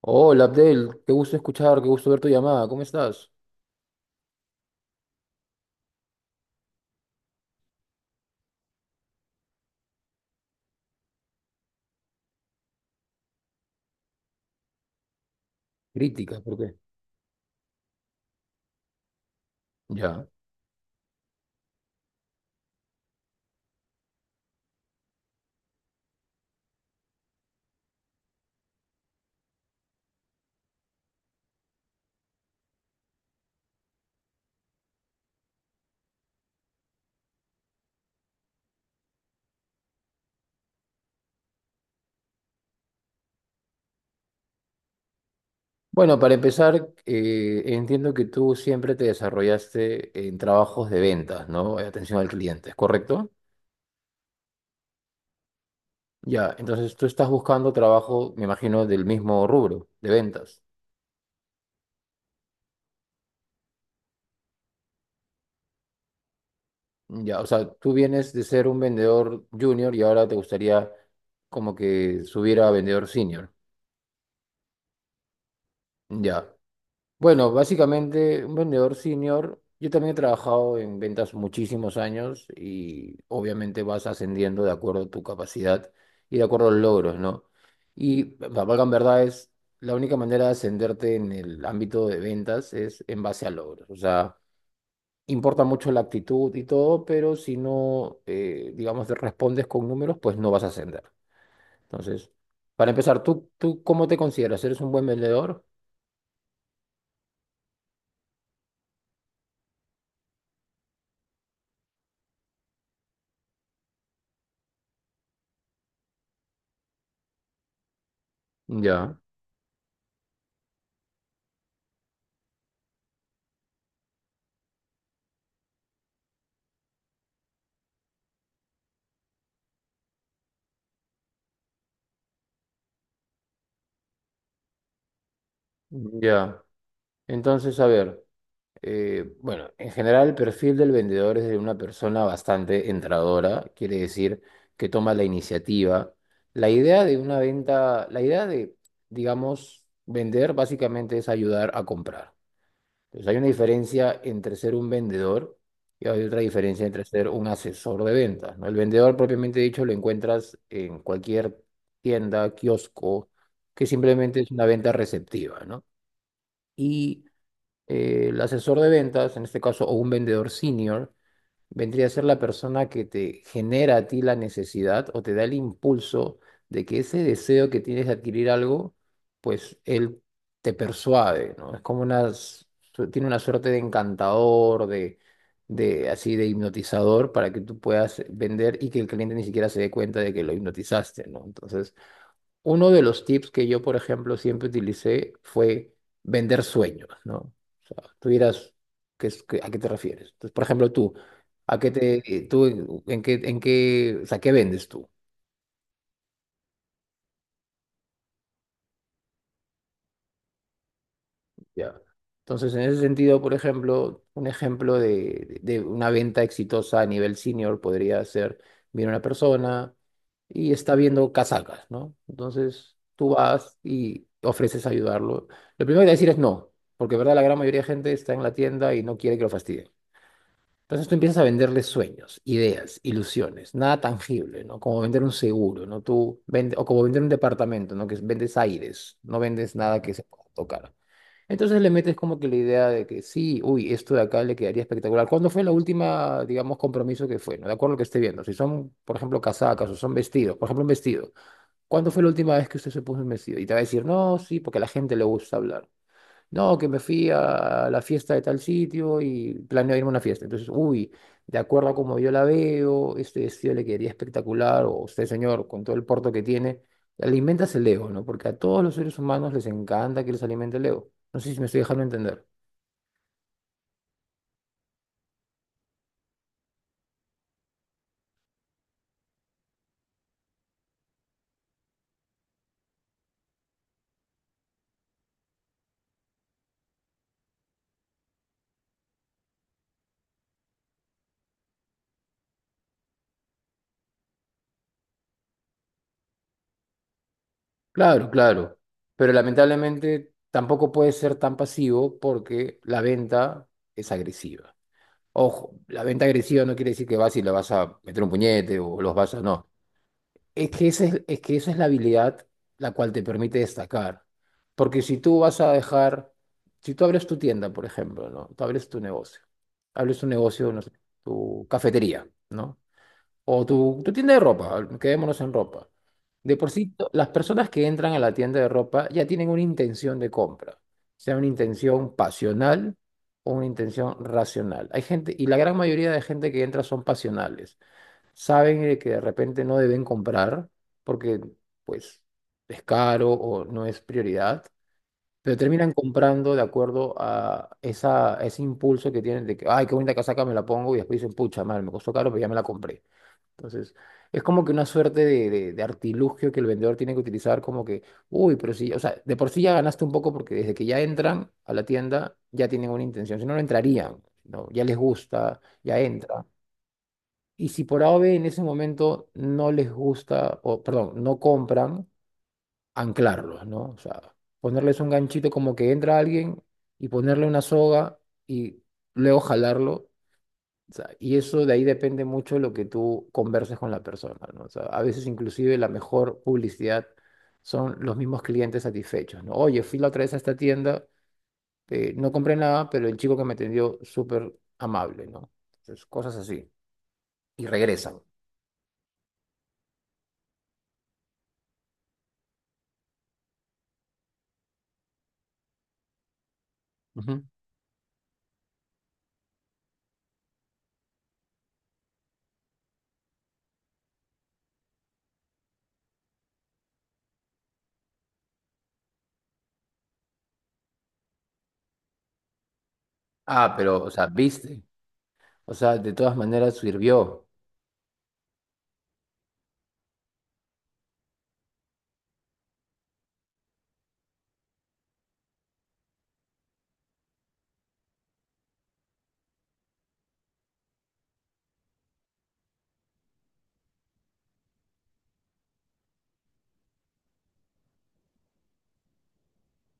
Hola Abdel, qué gusto escuchar, qué gusto ver tu llamada. ¿Cómo estás? Crítica, ¿por qué? Ya. Bueno, para empezar, entiendo que tú siempre te desarrollaste en trabajos de ventas, ¿no? Atención al cliente, ¿es correcto? Ya, entonces tú estás buscando trabajo, me imagino, del mismo rubro, de ventas. Ya, o sea, tú vienes de ser un vendedor junior y ahora te gustaría como que subir a vendedor senior. Ya. Bueno, básicamente un vendedor senior, yo también he trabajado en ventas muchísimos años y obviamente vas ascendiendo de acuerdo a tu capacidad y de acuerdo a los logros, ¿no? Y para valgan verdades, la única manera de ascenderte en el ámbito de ventas es en base a logros. O sea, importa mucho la actitud y todo, pero si no, digamos, te respondes con números, pues no vas a ascender. Entonces, para empezar, ¿tú cómo te consideras? ¿Eres un buen vendedor? Ya, ya. Entonces, a ver, bueno, en general el perfil del vendedor es de una persona bastante entradora, quiere decir que toma la iniciativa. La idea de una venta, la idea digamos, vender básicamente es ayudar a comprar. Entonces, hay una diferencia entre ser un vendedor y hay otra diferencia entre ser un asesor de ventas, ¿no? El vendedor propiamente dicho lo encuentras en cualquier tienda, kiosco, que simplemente es una venta receptiva, ¿no? Y el asesor de ventas, en este caso, o un vendedor senior, vendría a ser la persona que te genera a ti la necesidad o te da el impulso de que ese deseo que tienes de adquirir algo, pues él te persuade, ¿no? Es como una, tiene una suerte de encantador, de así de hipnotizador para que tú puedas vender y que el cliente ni siquiera se dé cuenta de que lo hipnotizaste, ¿no? Entonces, uno de los tips que yo, por ejemplo, siempre utilicé fue vender sueños, ¿no? O sea, tú dirás, ¿a qué te refieres? Entonces, por ejemplo, tú, ¿a qué te, tú, en qué, o sea, ¿qué vendes tú? Ya. Entonces, en ese sentido, por ejemplo, un ejemplo de una venta exitosa a nivel senior podría ser, viene una persona y está viendo casacas, ¿no? Entonces, tú vas y ofreces ayudarlo. Lo primero que decir es no, porque, ¿verdad? La gran mayoría de gente está en la tienda y no quiere que lo fastidien. Entonces, tú empiezas a venderles sueños, ideas, ilusiones, nada tangible, ¿no? Como vender un seguro, ¿no? O como vender un departamento, ¿no? Que vendes aires, no vendes nada que se pueda tocar. Entonces le metes como que la idea de que sí, uy, esto de acá le quedaría espectacular. ¿Cuándo fue la última, digamos, compromiso que fue? No, de acuerdo a lo que esté viendo. Si son, por ejemplo, casacas o son vestidos, por ejemplo, un vestido. ¿Cuándo fue la última vez que usted se puso un vestido? Y te va a decir, no, sí, porque a la gente le gusta hablar. No, que me fui a la fiesta de tal sitio y planeo irme a una fiesta. Entonces, uy, de acuerdo a como yo la veo, este vestido le quedaría espectacular, o usted, señor, con todo el porte que tiene, alimentas el ego, ¿no? Porque a todos los seres humanos les encanta que les alimente el ego. No sé si me estoy dejando entender. Claro, claro. Pero lamentablemente tampoco puede ser tan pasivo porque la venta es agresiva. Ojo, la venta agresiva no quiere decir que vas y le vas a meter un puñete o los vas a... No. Es que esa es la habilidad la cual te permite destacar. Porque si tú vas a dejar, si tú abres tu tienda, por ejemplo, ¿no? Tú abres tu negocio, no sé, tu cafetería, ¿no? O tu tienda de ropa, quedémonos en ropa. De por sí, las personas que entran a la tienda de ropa ya tienen una intención de compra, sea una intención pasional o una intención racional. Hay gente, y la gran mayoría de gente que entra son pasionales, saben de que de repente no deben comprar porque pues es caro o no es prioridad, pero terminan comprando de acuerdo a esa, ese impulso que tienen de que, ay, qué bonita casaca, me la pongo y después dicen, pucha, mal, me costó caro, pero ya me la compré. Entonces, es como que una suerte de artilugio que el vendedor tiene que utilizar como que, uy, pero sí, o sea, de por sí ya ganaste un poco porque desde que ya entran a la tienda ya tienen una intención, si no, no entrarían, ¿no? Ya les gusta, ya entran. Y si por A o B en ese momento no les gusta, o perdón, no compran, anclarlos, ¿no? O sea, ponerles un ganchito como que entra alguien y ponerle una soga y luego jalarlo. O sea, y eso de ahí depende mucho de lo que tú converses con la persona, ¿no? O sea, a veces inclusive la mejor publicidad son los mismos clientes satisfechos, ¿no? Oye, fui la otra vez a esta tienda, no compré nada, pero el chico que me atendió súper amable, ¿no? Entonces, cosas así. Y regresan. Ujú. Ah, pero, o sea, viste. O sea, de todas maneras sirvió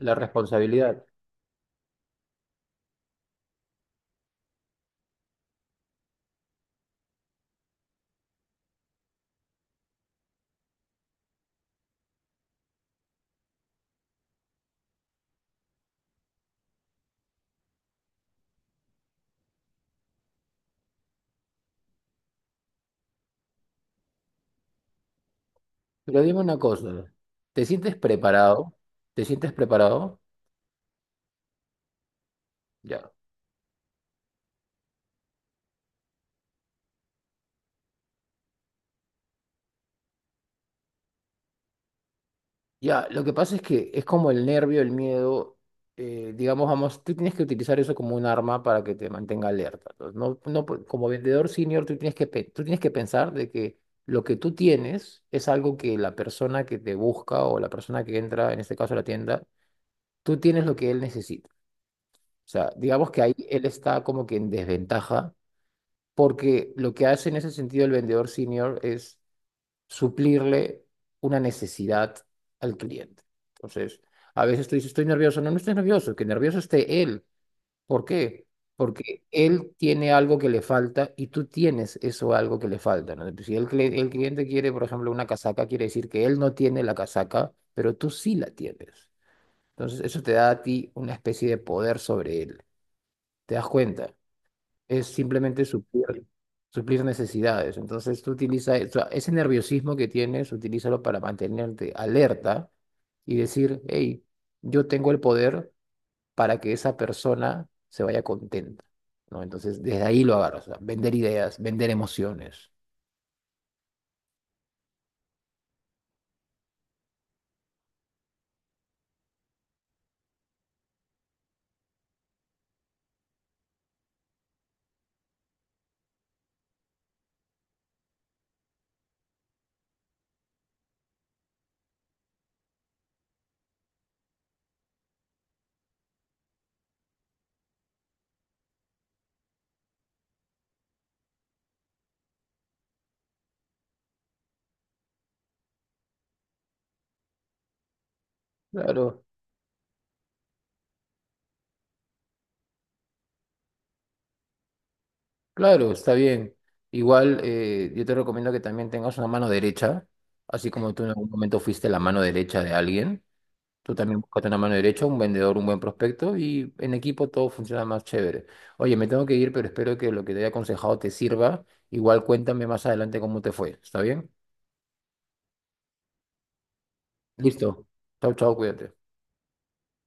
la responsabilidad. Pero dime una cosa, ¿te sientes preparado? ¿Te sientes preparado? Ya. Ya, lo que pasa es que es como el nervio, el miedo, digamos, vamos, tú tienes que utilizar eso como un arma para que te mantenga alerta. Entonces, no, no, como vendedor senior, tú tienes que, tú tienes que pensar de que lo que tú tienes es algo que la persona que te busca o la persona que entra, en este caso a la tienda, tú tienes lo que él necesita. O sea, digamos que ahí él está como que en desventaja, porque lo que hace en ese sentido el vendedor senior es suplirle una necesidad al cliente. Entonces, a veces tú dices, estoy nervioso. No, no estés nervioso, que nervioso esté él. ¿Por qué? Porque él tiene algo que le falta y tú tienes eso algo que le falta, ¿no? Si el, cli- el cliente quiere, por ejemplo, una casaca, quiere decir que él no tiene la casaca, pero tú sí la tienes. Entonces, eso te da a ti una especie de poder sobre él. ¿Te das cuenta? Es simplemente suplir, suplir necesidades. Entonces tú utiliza eso, ese nerviosismo que tienes, utilízalo para mantenerte alerta y decir, hey, yo tengo el poder para que esa persona se vaya contenta, ¿no? Entonces desde ahí lo agarras, o sea, vender ideas, vender emociones. Claro, claro, está bien. Igual yo te recomiendo que también tengas una mano derecha, así como tú en algún momento fuiste la mano derecha de alguien. Tú también buscas una mano derecha, un vendedor, un buen prospecto y en equipo todo funciona más chévere. Oye, me tengo que ir, pero espero que lo que te haya aconsejado te sirva. Igual cuéntame más adelante cómo te fue. ¿Está bien? Listo. Chau, chau, cuídate.